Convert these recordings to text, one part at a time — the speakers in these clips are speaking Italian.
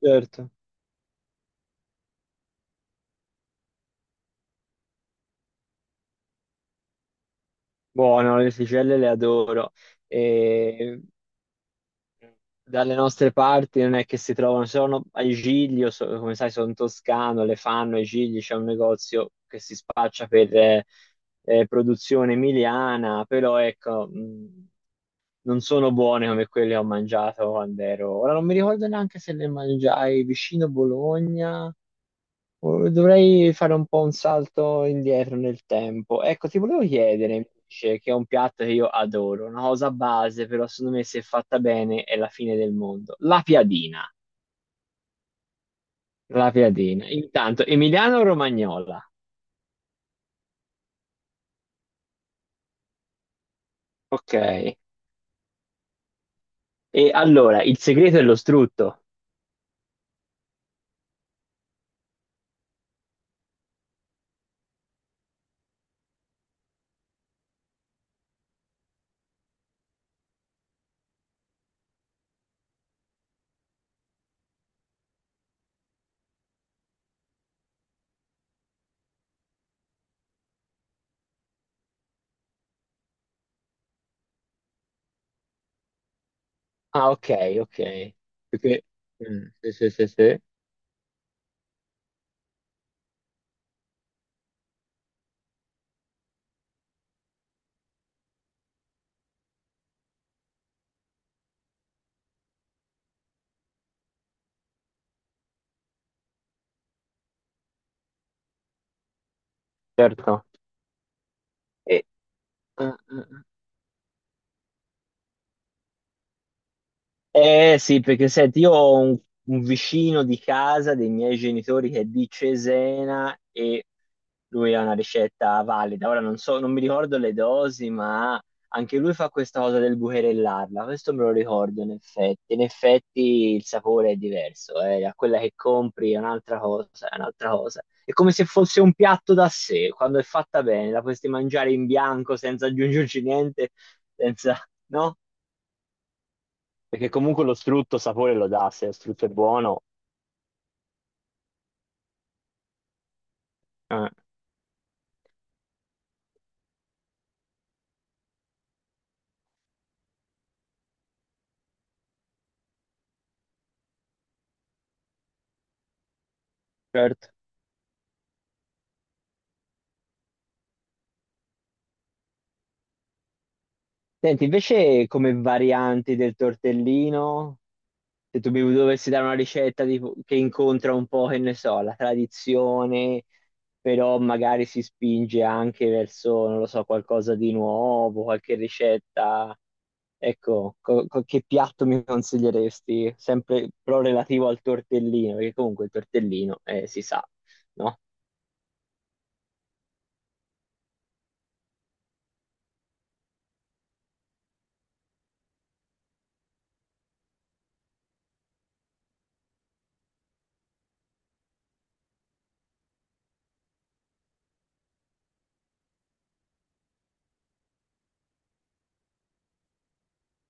Certo, buono, le sticelle le adoro. E dalle nostre parti non è che si trovano, sono a Giglio, come sai sono toscano, le fanno a Giglio, c'è un negozio che si spaccia per produzione emiliana, però ecco, non sono buone come quelle che ho mangiato quando ero. Ora non mi ricordo neanche se le mangiai vicino Bologna. Dovrei fare un po' un salto indietro nel tempo. Ecco, ti volevo chiedere invece, che è un piatto che io adoro, una cosa base, però secondo me se fatta bene è la fine del mondo. La piadina. La piadina. Intanto, Emiliano o Romagnola. Ok. E allora, il segreto è lo strutto. Ah, ok, ok. Perché... sì, sì, sì, sì. Certo. E... Ah, ah, ah. Eh sì, perché senti, un vicino di casa dei miei genitori che è di Cesena e lui ha una ricetta valida. Ora non so, non mi ricordo le dosi, ma anche lui fa questa cosa del bucherellarla. Questo me lo ricordo in effetti. In effetti il sapore è diverso, eh. A quella che compri è un'altra cosa, è un'altra cosa. È come se fosse un piatto da sé, quando è fatta bene, la potresti mangiare in bianco senza aggiungerci niente, senza, no? Perché comunque lo strutto sapore lo dà, se lo strutto è buono. Eh. Certo. Senti, invece come varianti del tortellino, se tu mi dovessi dare che incontra un po', che ne so, la tradizione, però magari si spinge anche verso, non lo so, qualcosa di nuovo, qualche ricetta, ecco, che piatto mi consiglieresti? Sempre però relativo al tortellino, perché comunque il tortellino, si sa, no?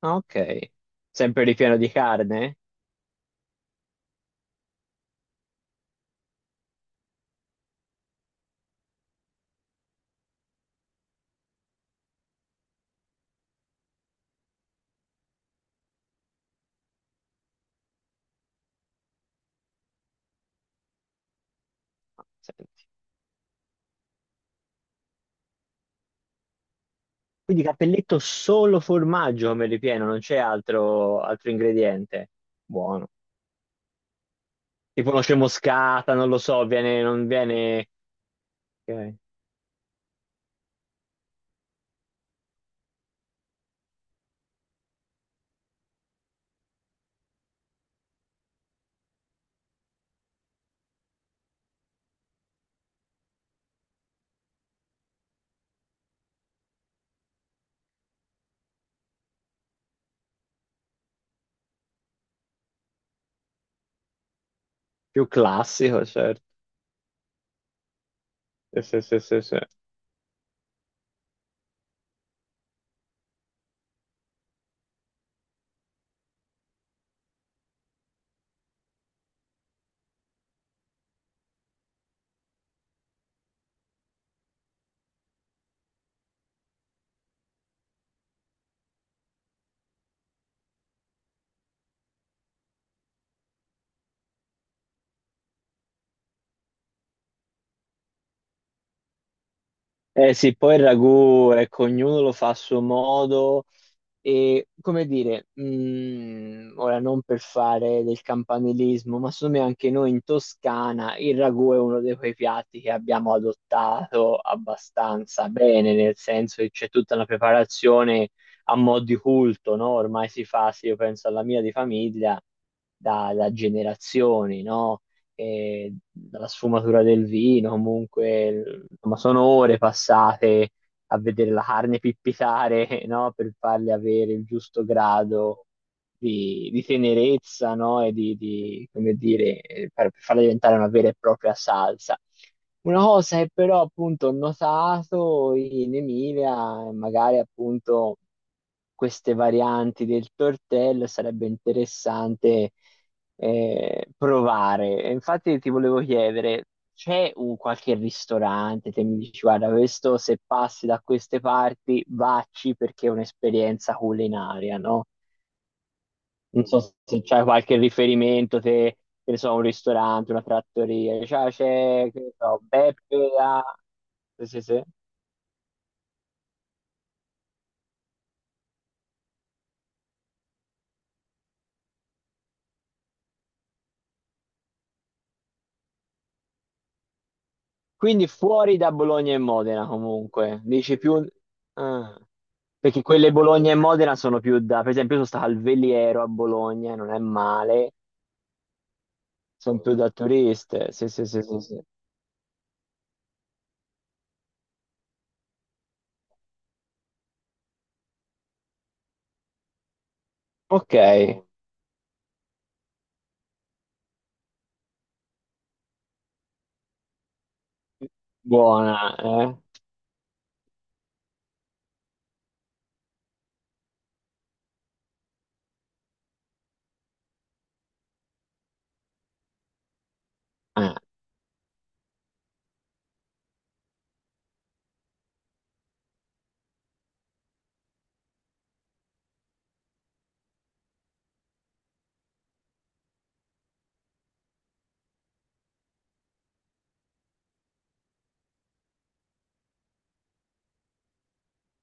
Ah, ok. Sempre ripieno di carne? Ah, senti. Quindi cappelletto solo formaggio come ripieno, non c'è altro, altro ingrediente. Buono. Tipo noce moscata, non lo so, viene, non viene... ok. Più classico, certo. Sì, sì, sì, sì, sì. Eh sì, poi il ragù, ecco, ognuno lo fa a suo modo. E come dire, ora non per fare del campanilismo, ma secondo me anche noi in Toscana il ragù è uno di quei piatti che abbiamo adottato abbastanza bene, nel senso che c'è tutta una preparazione a mo' di culto, no? Ormai si fa, se io penso alla mia di famiglia, da generazioni, no? E dalla sfumatura del vino, comunque, insomma, sono ore passate a vedere la carne pippitare, no? Per farle avere il giusto grado di tenerezza, no? E di, come dire, per farla diventare una vera e propria salsa. Una cosa che però appunto ho notato in Emilia, magari appunto queste varianti del tortello, sarebbe interessante provare. E infatti ti volevo chiedere, c'è un qualche ristorante che mi dici, guarda, questo se passi da queste parti, vacci perché è un'esperienza culinaria, no? Non so se c'è qualche riferimento, te, che ne so, un ristorante, una trattoria, cioè, c'è, che ne so, Beppe da... Sì, sì, sì. Quindi fuori da Bologna e Modena comunque, dici più... ah, perché quelle Bologna e Modena sono più da... Per esempio io sono stato al Veliero a Bologna, e non è male, sono più da turiste. Sì, sì, sì, sì, sì. Ok, buona, eh? Ah,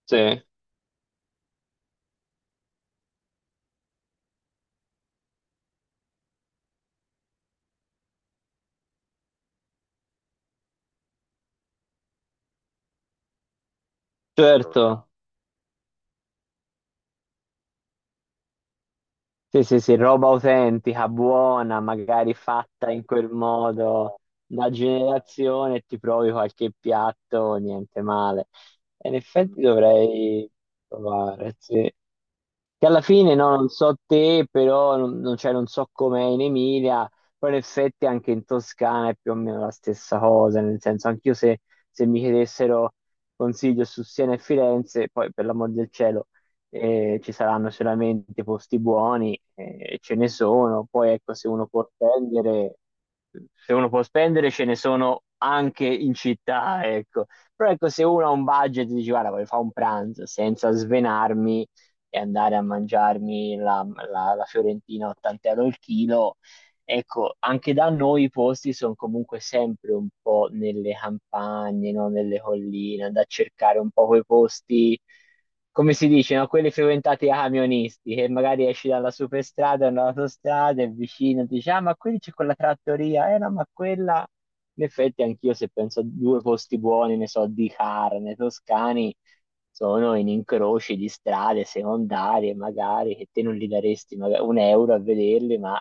sì, certo. Sì, sì, sì, roba autentica, buona, magari fatta in quel modo da generazione, e ti provi qualche piatto, niente male. E in effetti dovrei provare, sì. Che alla fine, no, non so te, però cioè, non so com'è in Emilia, però in effetti anche in Toscana è più o meno la stessa cosa, nel senso, anch'io se mi chiedessero consiglio su Siena e Firenze, poi per l'amor del cielo ci saranno solamente posti buoni, ce ne sono, poi ecco se uno può spendere, se uno può spendere ce ne sono anche in città, ecco. Però ecco se uno ha un budget e dice guarda voglio fare un pranzo senza svenarmi e andare a mangiarmi la fiorentina a 80 euro il chilo. Ecco, anche da noi i posti sono comunque sempre un po' nelle campagne, no? Nelle colline, da cercare un po' quei posti, come si dice, no? Quelli frequentati da camionisti, che magari esci dalla superstrada, dall'autostrada, è vicino, dici, ah, ma qui c'è quella trattoria, eh no, ma quella... In effetti anch'io se penso a due posti buoni, ne so, di carne, toscani, sono in incroci di strade secondarie, magari, che te non li daresti magari un euro a vederli, ma...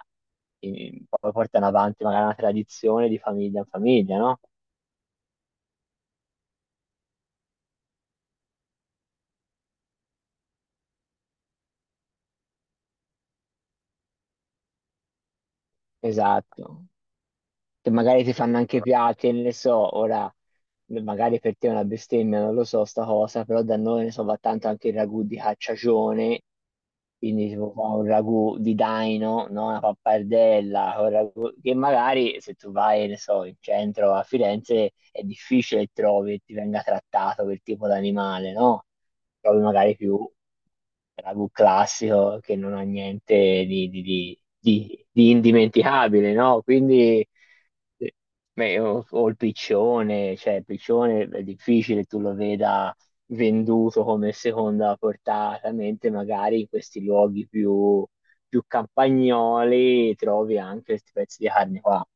E poi portano avanti magari una tradizione di famiglia in famiglia, no? Esatto. Che magari ti fanno anche piatti, ne so, ora magari per te è una bestemmia, non lo so sta cosa, però da noi ne so, va tanto anche il ragù di cacciagione, quindi tipo fa un ragù di daino, no? Una pappardella, che magari se tu vai, ne so, in centro a Firenze è difficile che trovi e ti venga trattato quel tipo d'animale, no? Trovi magari più ragù classico che non ha niente di indimenticabile, no? Quindi sì. Beh, o il piccione, cioè il piccione è difficile tu lo veda venduto come seconda portata, mentre magari in questi luoghi più, più campagnoli trovi anche questi pezzi di carne qua.